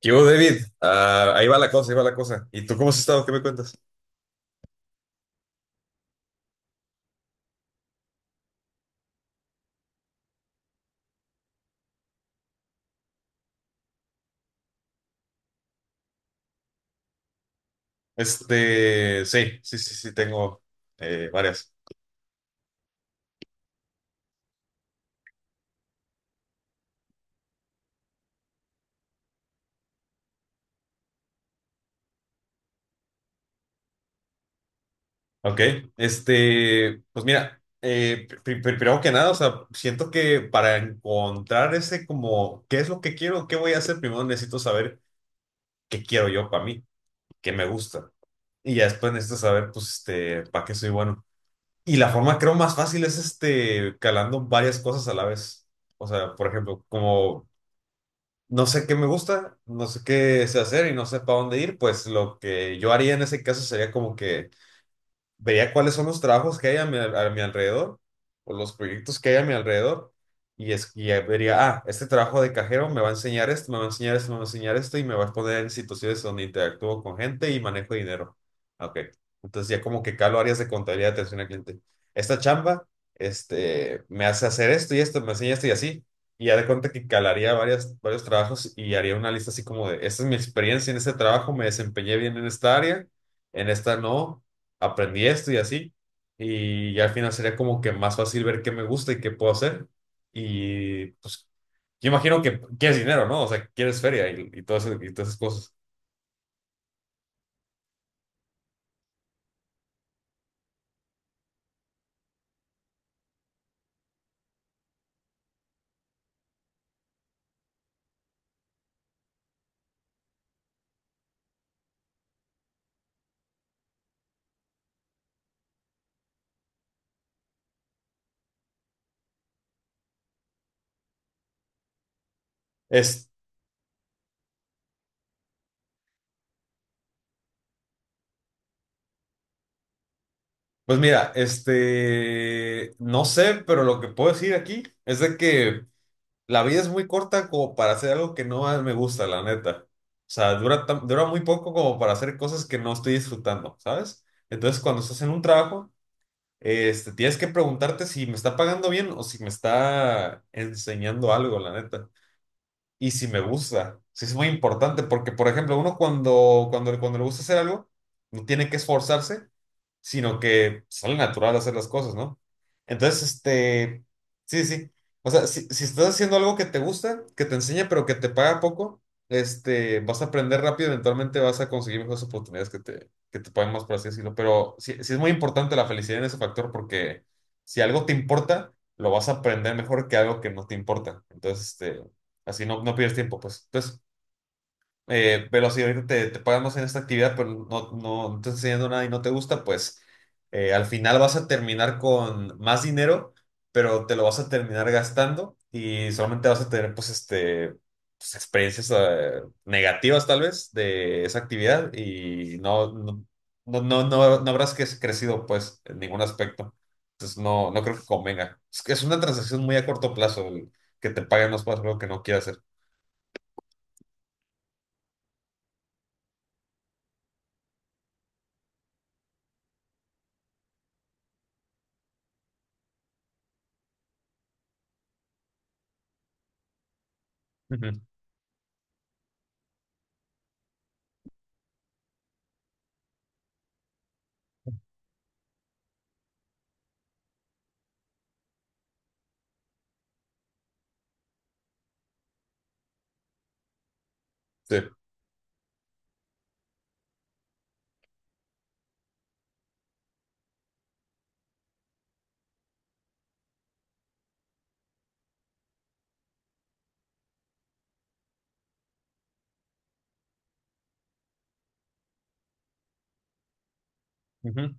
¿Qué hubo, David? Ah, ahí va la cosa, ahí va la cosa. ¿Y tú cómo has estado? ¿Qué me cuentas? Este, sí, sí, sí, sí, tengo varias. Ok, este, pues mira, primero que nada, o sea, siento que para encontrar ese como, ¿qué es lo que quiero? ¿Qué voy a hacer? Primero necesito saber qué quiero yo para mí, qué me gusta. Y ya después necesito saber, pues, este, para qué soy bueno. Y la forma, creo, más fácil es, este, calando varias cosas a la vez. O sea, por ejemplo, como no sé qué me gusta, no sé qué sé hacer y no sé para dónde ir, pues lo que yo haría en ese caso sería como que vería cuáles son los trabajos que hay a mi alrededor o los proyectos que hay a mi alrededor y, es, y ya vería, este trabajo de cajero me va a enseñar esto, me va a enseñar esto, me va a enseñar esto y me va a poner en situaciones donde interactúo con gente y manejo dinero. Ah, ok, entonces ya como que calo áreas de contabilidad, atención al cliente. Esta chamba, este, me hace hacer esto y esto, me enseña esto y así. Y ya de cuenta que calaría varios trabajos y haría una lista así como de, esta es mi experiencia en este trabajo, me desempeñé bien en esta área, en esta no aprendí esto y así. Y ya al final sería como que más fácil ver qué me gusta y qué puedo hacer. Y pues yo imagino que quieres dinero, ¿no? O sea, quieres feria y y todas esas cosas. Es, pues mira, este, no sé, pero lo que puedo decir aquí es de que la vida es muy corta como para hacer algo que no me gusta, la neta. O sea, dura, dura muy poco como para hacer cosas que no estoy disfrutando, ¿sabes? Entonces, cuando estás en un trabajo, este, tienes que preguntarte si me está pagando bien o si me está enseñando algo, la neta y si me gusta. Sí, es muy importante porque, por ejemplo, uno cuando le gusta hacer algo, no tiene que esforzarse, sino que sale natural hacer las cosas, ¿no? Entonces, este, sí, sí. O sea, si, si estás haciendo algo que te gusta, que te enseña, pero que te paga poco, este, vas a aprender rápido, eventualmente vas a conseguir mejores oportunidades que te paguen más, por así decirlo. Pero sí, sí es muy importante la felicidad en ese factor porque si algo te importa, lo vas a aprender mejor que algo que no te importa. Entonces, este, así no, no pierdes tiempo, pues. Entonces, velo así, ahorita te pagan más en esta actividad, pero no, no, no te está enseñando nada y no te gusta, pues al final vas a terminar con más dinero, pero te lo vas a terminar gastando y solamente vas a tener, pues, este, pues, experiencias negativas tal vez de esa actividad y no, no, no, no, no, no habrás crecido, pues, en ningún aspecto. Entonces, no, no creo que convenga. Es que es una transacción muy a corto plazo el que te paguen más para algo que no quieras hacer. Ujú. Sí. Ujú.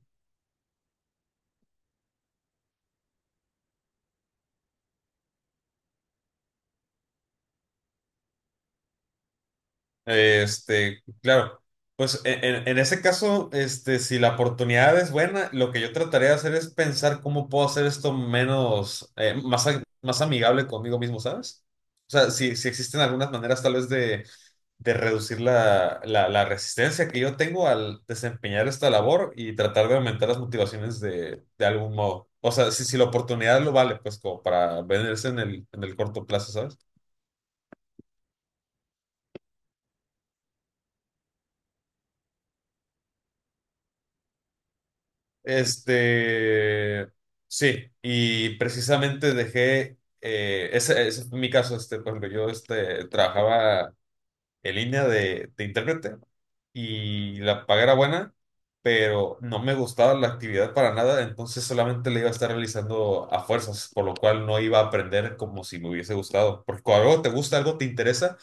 Este, claro. Pues en ese caso, este, si la oportunidad es buena, lo que yo trataré de hacer es pensar cómo puedo hacer esto menos, más amigable conmigo mismo, ¿sabes? O sea, si, si existen algunas maneras tal vez de reducir la resistencia que yo tengo al desempeñar esta labor y tratar de aumentar las motivaciones de algún modo. O sea, si, si la oportunidad lo vale, pues como para venderse en el corto plazo, ¿sabes? Este, sí, y precisamente dejé, ese, ese fue mi caso, este, por ejemplo, yo este, trabajaba en línea de intérprete y la paga era buena, pero no me gustaba la actividad para nada, entonces solamente la iba a estar realizando a fuerzas, por lo cual no iba a aprender como si me hubiese gustado, porque cuando algo te gusta, algo te interesa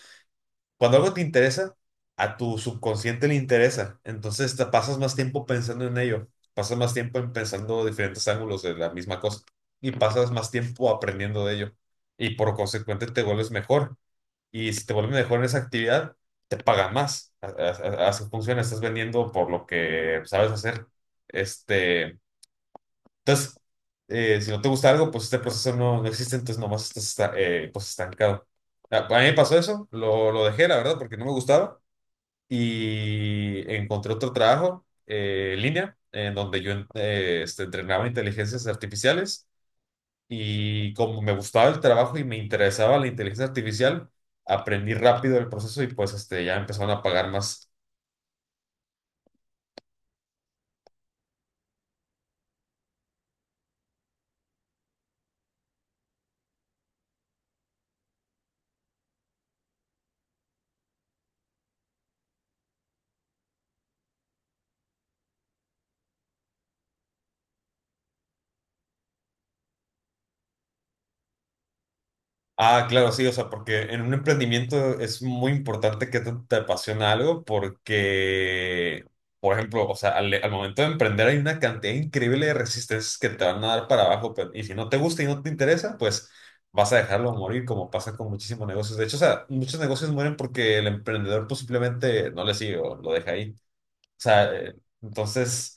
cuando algo te interesa, a tu subconsciente le interesa. Entonces te pasas más tiempo pensando en ello, pasas más tiempo en pensando diferentes ángulos de la misma cosa y pasas más tiempo aprendiendo de ello. Y por consecuente te vuelves mejor. Y si te vuelves mejor en esa actividad, te pagan más. Así funciona, estás vendiendo por lo que sabes hacer. Este, entonces, si no te gusta algo, pues este proceso no, no existe, entonces nomás estás pues estancado. A mí me pasó eso, lo dejé, la verdad, porque no me gustaba y encontré otro trabajo en línea en donde yo este, entrenaba inteligencias artificiales y como me gustaba el trabajo y me interesaba la inteligencia artificial, aprendí rápido el proceso y pues este, ya empezaron a pagar más. Ah, claro, sí, o sea, porque en un emprendimiento es muy importante que te apasiona algo porque, por ejemplo, o sea, al momento de emprender hay una cantidad increíble de resistencias que te van a dar para abajo, pero y si no te gusta y no te interesa, pues vas a dejarlo morir, como pasa con muchísimos negocios. De hecho, o sea, muchos negocios mueren porque el emprendedor pues simplemente no le sigue o lo deja ahí. O sea, entonces...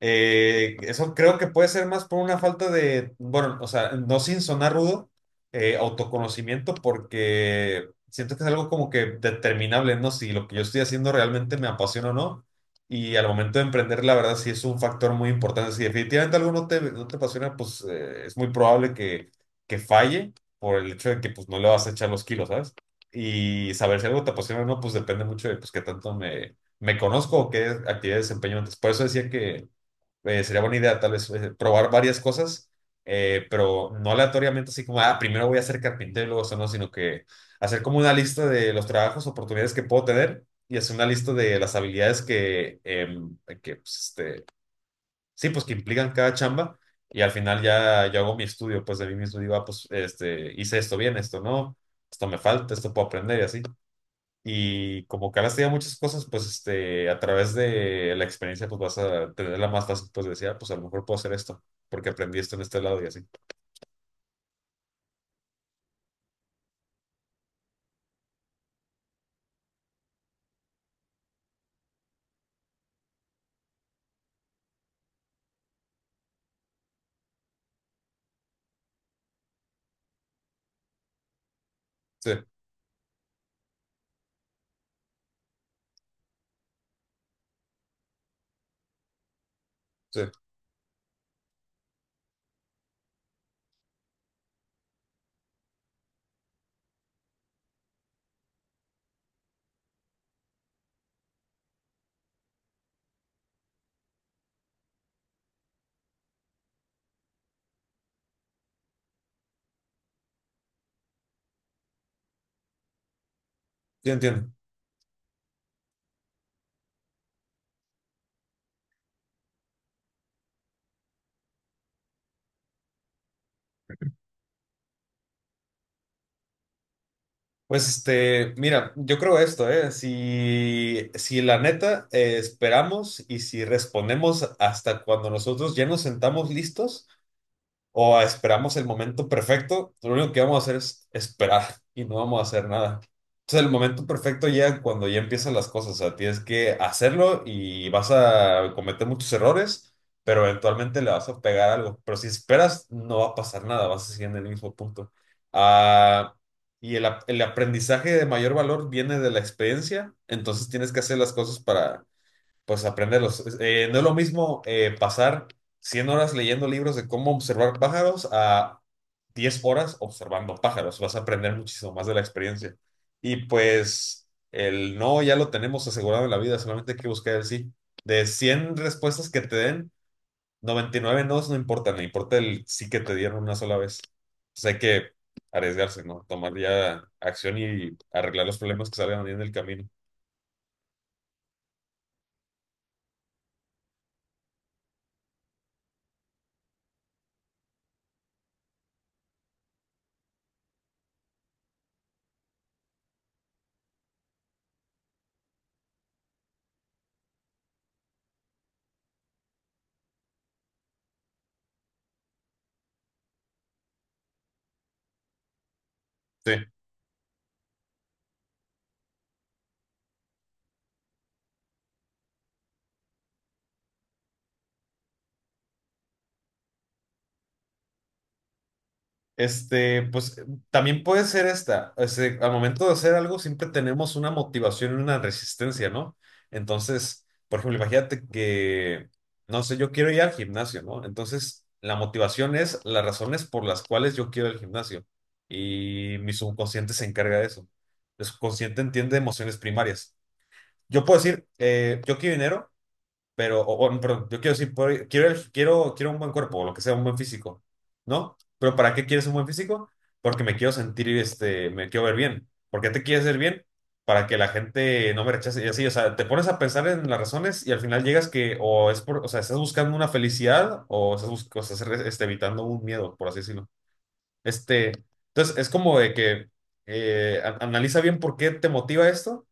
Eso creo que puede ser más por una falta de, bueno, o sea, no sin sonar rudo, autoconocimiento, porque siento que es algo como que determinable, ¿no? Si lo que yo estoy haciendo realmente me apasiona o no. Y al momento de emprender, la verdad, sí es un factor muy importante. Si definitivamente algo no te, no te apasiona, pues es muy probable que falle por el hecho de que pues, no le vas a echar los kilos, ¿sabes? Y saber si algo te apasiona o no, pues depende mucho de pues, qué tanto me conozco o qué actividad desempeño antes. Por eso decía que sería buena idea tal vez probar varias cosas, pero no aleatoriamente así como, primero voy a ser carpintero y luego eso, no, sino que hacer como una lista de los trabajos, oportunidades que puedo tener y hacer una lista de las habilidades que pues, este, sí, pues que implican cada chamba y al final ya yo hago mi estudio, pues de mí mismo digo, ah, pues este, hice esto bien, esto no, esto me falta, esto puedo aprender y así. Y como que has tenido muchas cosas, pues este, a través de la experiencia, pues vas a tenerla más fácil, pues decir, "Ah, pues a lo mejor puedo hacer esto, porque aprendí esto en este lado y así." Sí, sí, yo entiendo. Pues este, mira, yo creo esto, ¿eh? Si, si la neta esperamos y si respondemos hasta cuando nosotros ya nos sentamos listos, o esperamos el momento perfecto, lo único que vamos a hacer es esperar y no vamos a hacer nada. Entonces el momento perfecto ya cuando ya empiezan las cosas, o sea, tienes que hacerlo y vas a cometer muchos errores, pero eventualmente le vas a pegar algo. Pero si esperas, no va a pasar nada, vas a seguir en el mismo punto. Ah, y el aprendizaje de mayor valor viene de la experiencia, entonces tienes que hacer las cosas para pues aprenderlos. No es lo mismo pasar 100 horas leyendo libros de cómo observar pájaros a 10 horas observando pájaros. Vas a aprender muchísimo más de la experiencia. Y pues el no ya lo tenemos asegurado en la vida, solamente hay que buscar el sí. De 100 respuestas que te den, 99 nos no importan, no importa el sí que te dieron una sola vez. Entonces hay que arriesgarse, ¿no? Tomar ya acción y arreglar los problemas que salgan ahí en el camino. Sí. Este, pues también puede ser esta. Este, al momento de hacer algo siempre tenemos una motivación y una resistencia, ¿no? Entonces, por ejemplo, imagínate que, no sé, yo quiero ir al gimnasio, ¿no? Entonces, la motivación es las razones por las cuales yo quiero ir al gimnasio. Y mi subconsciente se encarga de eso. El subconsciente entiende emociones primarias. Yo puedo decir, yo quiero dinero pero, o, perdón, yo quiero decir, quiero, quiero un buen cuerpo, o lo que sea, un buen físico, ¿no? Pero ¿para qué quieres un buen físico? Porque me quiero sentir, este, me quiero ver bien. ¿Por qué te quieres ver bien? Para que la gente no me rechace y así, o sea, te pones a pensar en las razones y al final llegas que o es por, o sea, estás buscando una felicidad o estás, o estás evitando un miedo, por así decirlo. Este, entonces, es como de que analiza bien por qué te motiva esto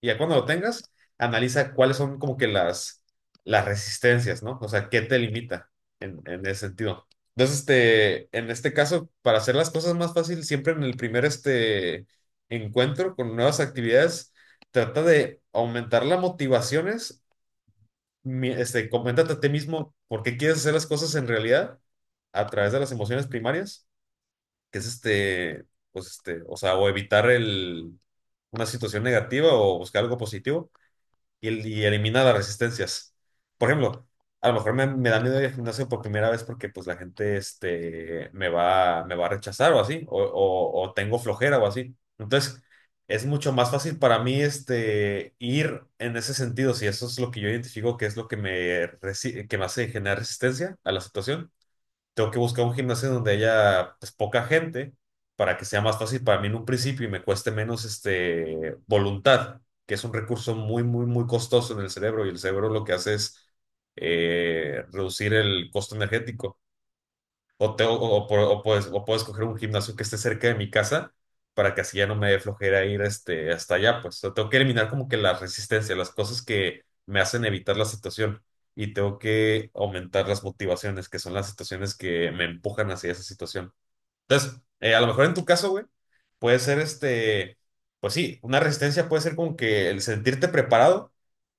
y ya cuando lo tengas, analiza cuáles son como que las resistencias, ¿no? O sea, qué te limita en ese sentido. Entonces, en este caso, para hacer las cosas más fácil, siempre en el primer encuentro con nuevas actividades, trata de aumentar las motivaciones. Coméntate a ti mismo por qué quieres hacer las cosas en realidad a través de las emociones primarias, que es pues o sea, o evitar una situación negativa o buscar algo positivo y elimina las resistencias. Por ejemplo, a lo mejor me da miedo ir al gimnasio por primera vez porque pues la gente me va a rechazar o así, o tengo flojera o así. Entonces, es mucho más fácil para mí ir en ese sentido, si eso es lo que yo identifico que es lo que que me hace generar resistencia a la situación. Tengo que buscar un gimnasio donde haya pues, poca gente para que sea más fácil para mí en un principio y me cueste menos voluntad, que es un recurso muy, muy, muy costoso en el cerebro, y el cerebro lo que hace es reducir el costo energético. O, te- o- por- o puedo escoger un gimnasio que esté cerca de mi casa para que así ya no me dé flojera ir hasta allá. Pues o sea, tengo que eliminar como que la resistencia, las cosas que me hacen evitar la situación, y tengo que aumentar las motivaciones, que son las situaciones que me empujan hacia esa situación. Entonces, a lo mejor en tu caso, güey, puede ser pues sí, una resistencia puede ser como que el sentirte preparado.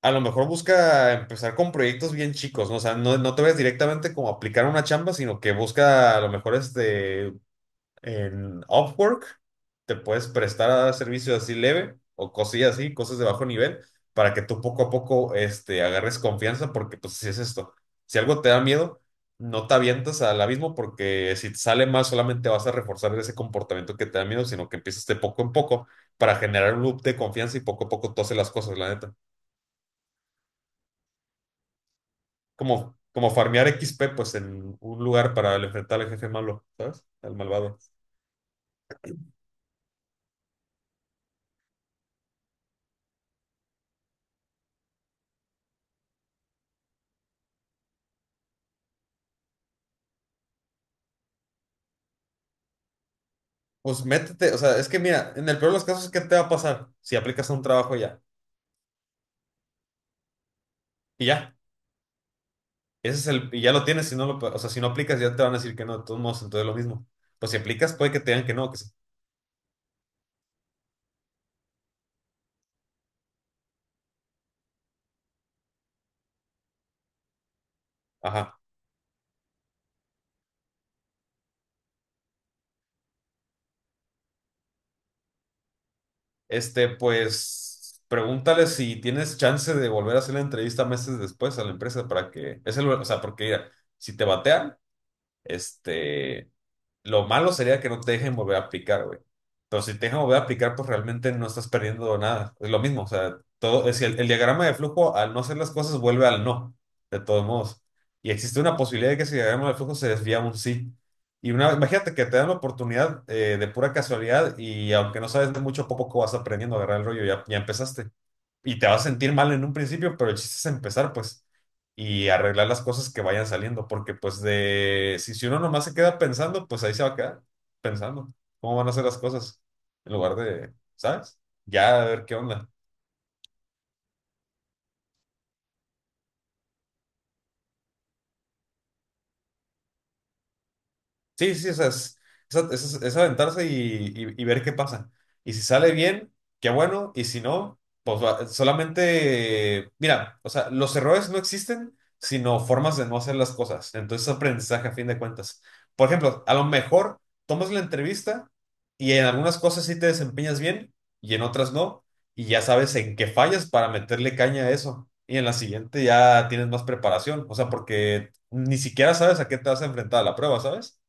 A lo mejor busca empezar con proyectos bien chicos, ¿no? O sea, no te ves directamente como a aplicar una chamba, sino que busca a lo mejor en Upwork. Te puedes prestar a servicios así leve o cosillas así, cosas de bajo nivel, para que tú poco a poco agarres confianza, porque pues si es esto, si algo te da miedo, no te avientas al abismo, porque si te sale mal solamente vas a reforzar ese comportamiento que te da miedo, sino que empiezas de poco en poco para generar un loop de confianza y poco a poco tú haces las cosas, la neta. Como farmear XP pues en un lugar para enfrentar al jefe malo, ¿sabes? Al malvado. Pues métete, o sea, es que mira, en el peor de los casos, ¿qué te va a pasar si aplicas a un trabajo ya? Y ya, ese y ya lo tienes. Si no o sea, si no aplicas ya te van a decir que no, de todos modos, entonces lo mismo. Pues si aplicas, puede que te digan que no, que sí. Ajá. Pues, pregúntale si tienes chance de volver a hacer la entrevista meses después a la empresa, para que, o sea, porque mira, si te batean, este, lo malo sería que no te dejen volver a aplicar, güey. Pero si te dejan volver a aplicar, pues realmente no estás perdiendo nada. Es lo mismo, o sea, todo, es el diagrama de flujo, al no hacer las cosas, vuelve al no, de todos modos. Y existe una posibilidad de que ese diagrama de flujo se desvía a un sí. Imagínate que te dan la oportunidad de pura casualidad, y aunque no sabes de mucho, poco vas aprendiendo a agarrar el rollo. Ya, empezaste y te vas a sentir mal en un principio, pero el chiste es empezar, pues, y arreglar las cosas que vayan saliendo, porque pues de, si, si uno nomás se queda pensando, pues ahí se va a quedar pensando cómo van a ser las cosas, en lugar de, ¿sabes? Ya a ver qué onda. Sí, sí, o sea, es aventarse y, y ver qué pasa. Y si sale bien, qué bueno, y si no, pues solamente, mira, o sea, los errores no existen, sino formas de no hacer las cosas. Entonces, aprendizaje a fin de cuentas. Por ejemplo, a lo mejor tomas la entrevista y en algunas cosas sí te desempeñas bien y en otras no, y ya sabes en qué fallas para meterle caña a eso. Y en la siguiente ya tienes más preparación, o sea, porque ni siquiera sabes a qué te vas a enfrentar a la prueba, ¿sabes?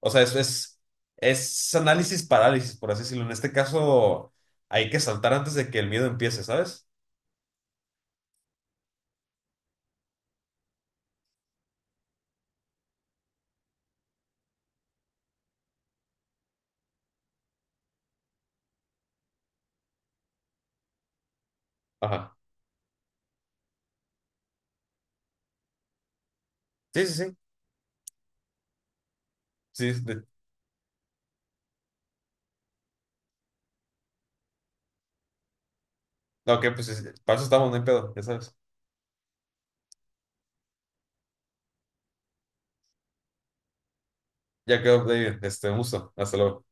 O sea, es, es análisis parálisis, por así decirlo. En este caso, hay que saltar antes de que el miedo empiece, ¿sabes? Ajá. Sí, sí, sí. Sí, ok, pues sí, sí. Para eso estamos, no hay pedo, ya sabes. Ya quedó, David. Un gusto. Hasta luego.